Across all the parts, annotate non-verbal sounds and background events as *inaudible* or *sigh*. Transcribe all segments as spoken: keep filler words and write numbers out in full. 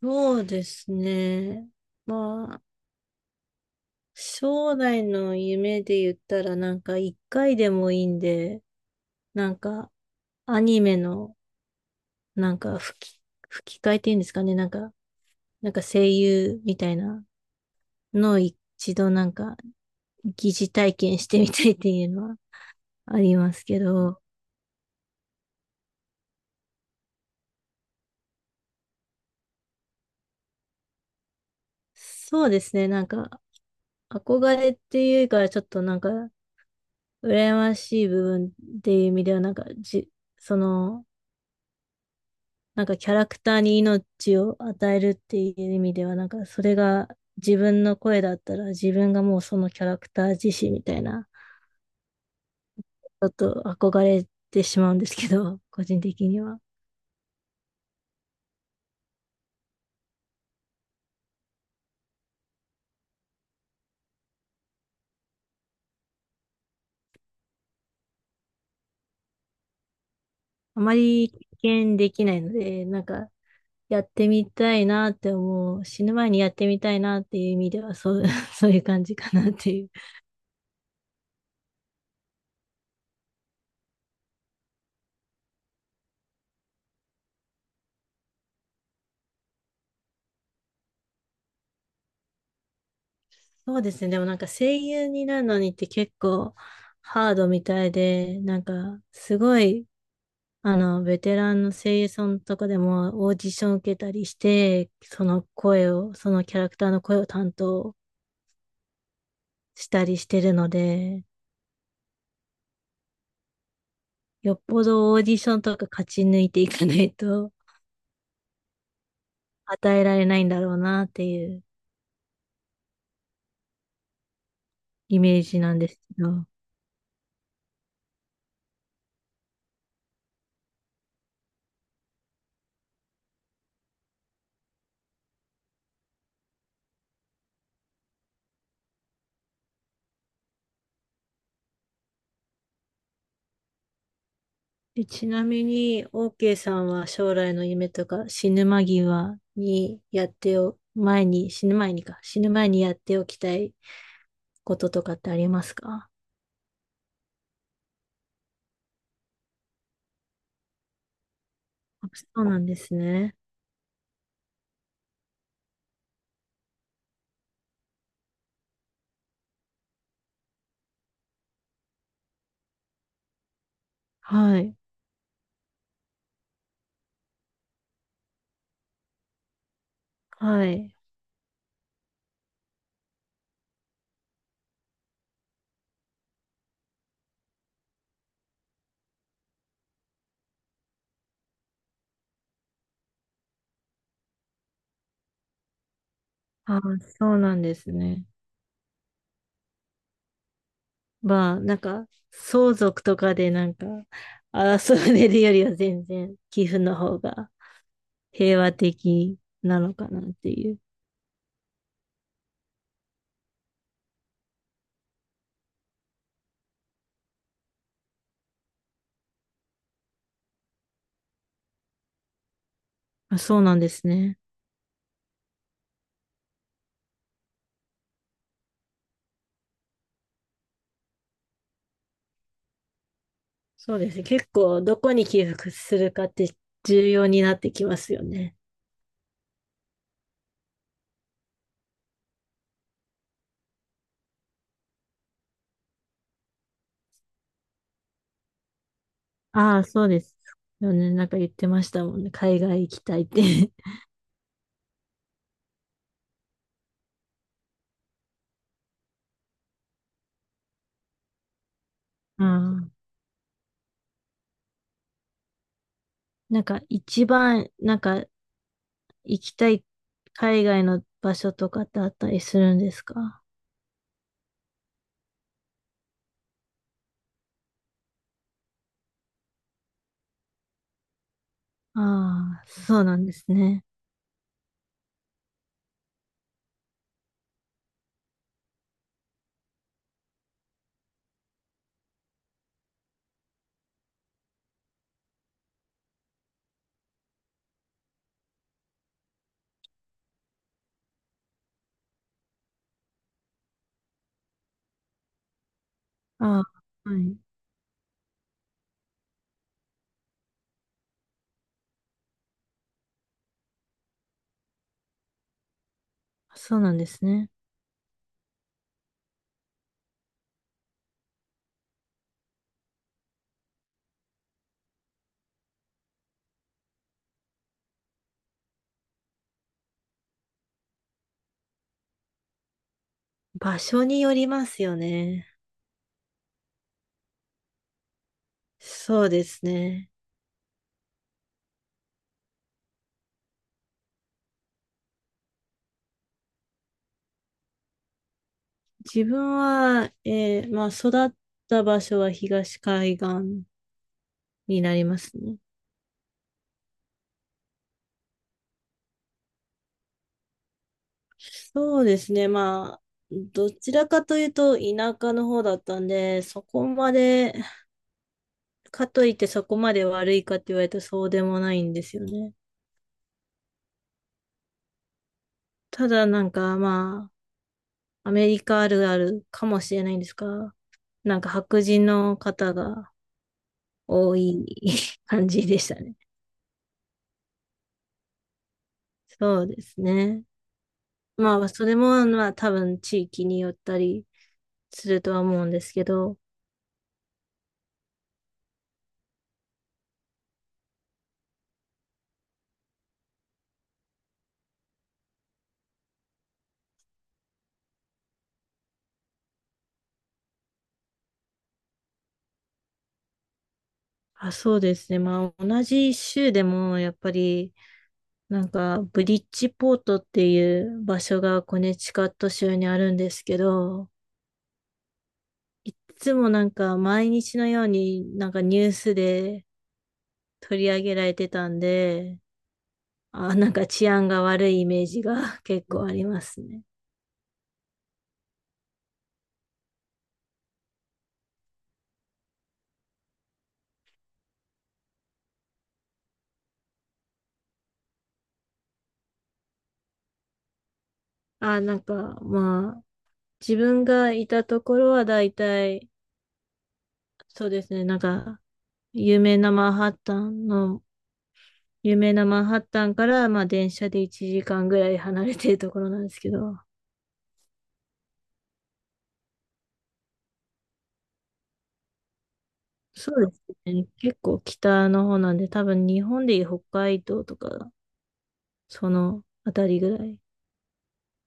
そうですね。まあ、将来の夢で言ったら、なんか一回でもいいんで、なんかアニメの、なんか吹き、吹き替えっていうんですかね。なんか、なんか声優みたいなのを一度なんか疑似体験してみたいっていうのはありますけど、そうですね。なんか憧れっていうか、ちょっとなんか羨ましい部分っていう意味では、なんかじ、その、なんかキャラクターに命を与えるっていう意味では、なんかそれが自分の声だったら自分がもうそのキャラクター自身みたいな、ちょっと憧れてしまうんですけど、*laughs* 個人的には。あまり経験できないので、なんかやってみたいなって思う。死ぬ前にやってみたいなっていう意味では、そう、*laughs* そういう感じかなっていう。そうですね。でもなんか声優になるのにって結構ハードみたいで、なんかすごいあの、ベテランの声優さんとかでもオーディション受けたりして、その声を、そのキャラクターの声を担当したりしてるので、よっぽどオーディションとか勝ち抜いていかないと *laughs* 与えられないんだろうなっていうイメージなんですけど。でちなみに、OK さんは将来の夢とか死ぬ間際にやってお、前に、死ぬ前にか、死ぬ前にやっておきたいこととかってありますか？あ、そうなんですね。はい。はい。ああ、そうなんですね。まあ、なんか、相続とかでなんか、争われるよりは全然、寄付の方が平和的なのかなっていう。まあ、そうなんですね。そうですね。結構、どこに寄付するかって重要になってきますよね。ああ、そうですよね、なんか言ってましたもんね。海外行きたいって。うん。*laughs* なんか、一番、なんか、行きたい海外の場所とかってあったりするんですか？ああ、そうなんですね。ああ、はい。そうなんですね。場所によりますよね。そうですね。自分は、えーまあ、育った場所は東海岸になりますね。そうですね。まあ、どちらかというと田舎の方だったんで、そこまで、かといってそこまで悪いかって言われたらそうでもないんですよね。ただなんかまあ、アメリカあるあるかもしれないんですが、なんか白人の方が多い *laughs* 感じでしたね。そうですね。まあ、それも、まあ、多分地域によったりするとは思うんですけど、あ、そうですね。まあ、同じ州でも、やっぱり、なんか、ブリッジポートっていう場所がコネチカット州にあるんですけど、いつもなんか、毎日のようになんかニュースで取り上げられてたんで、あ、なんか治安が悪いイメージが *laughs* 結構ありますね。あ、なんか、まあ、自分がいたところはだいたい、そうですね、なんか、有名なマンハッタンの、有名なマンハッタンから、まあ、電車でいちじかんぐらい離れてるところなんですけど、そうですね、結構北の方なんで、多分日本でいう北海道とか、そのあたりぐらい。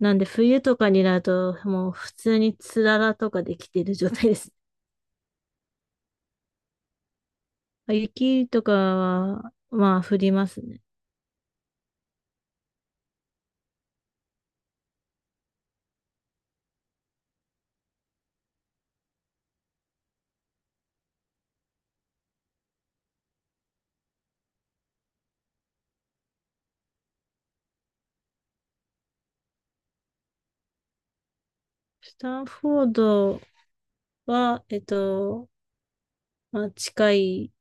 なんで、冬とかになると、もう普通につららとかできてる状態です。あ、雪とかは、まあ、降りますね。スタンフォードは、えっと、まあ、近い、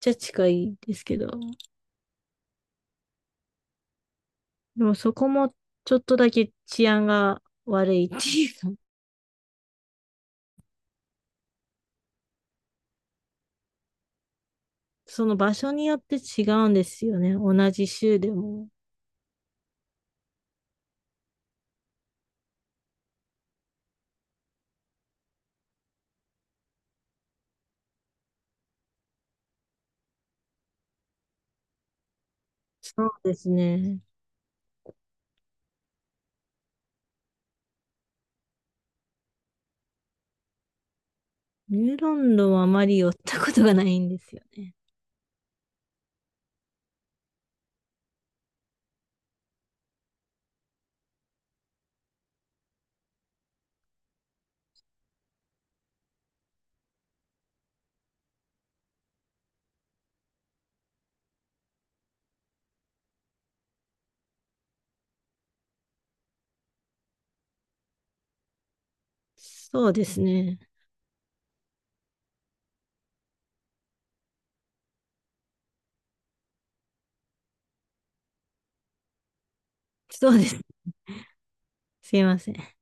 じゃ近いですけど、でもそこもちょっとだけ治安が悪いっていう *laughs* その場所によって違うんですよね。同じ州でも。そうですね。ニューロンドンはあまり寄ったことがないんですよね。そうですね。そうです。すいません。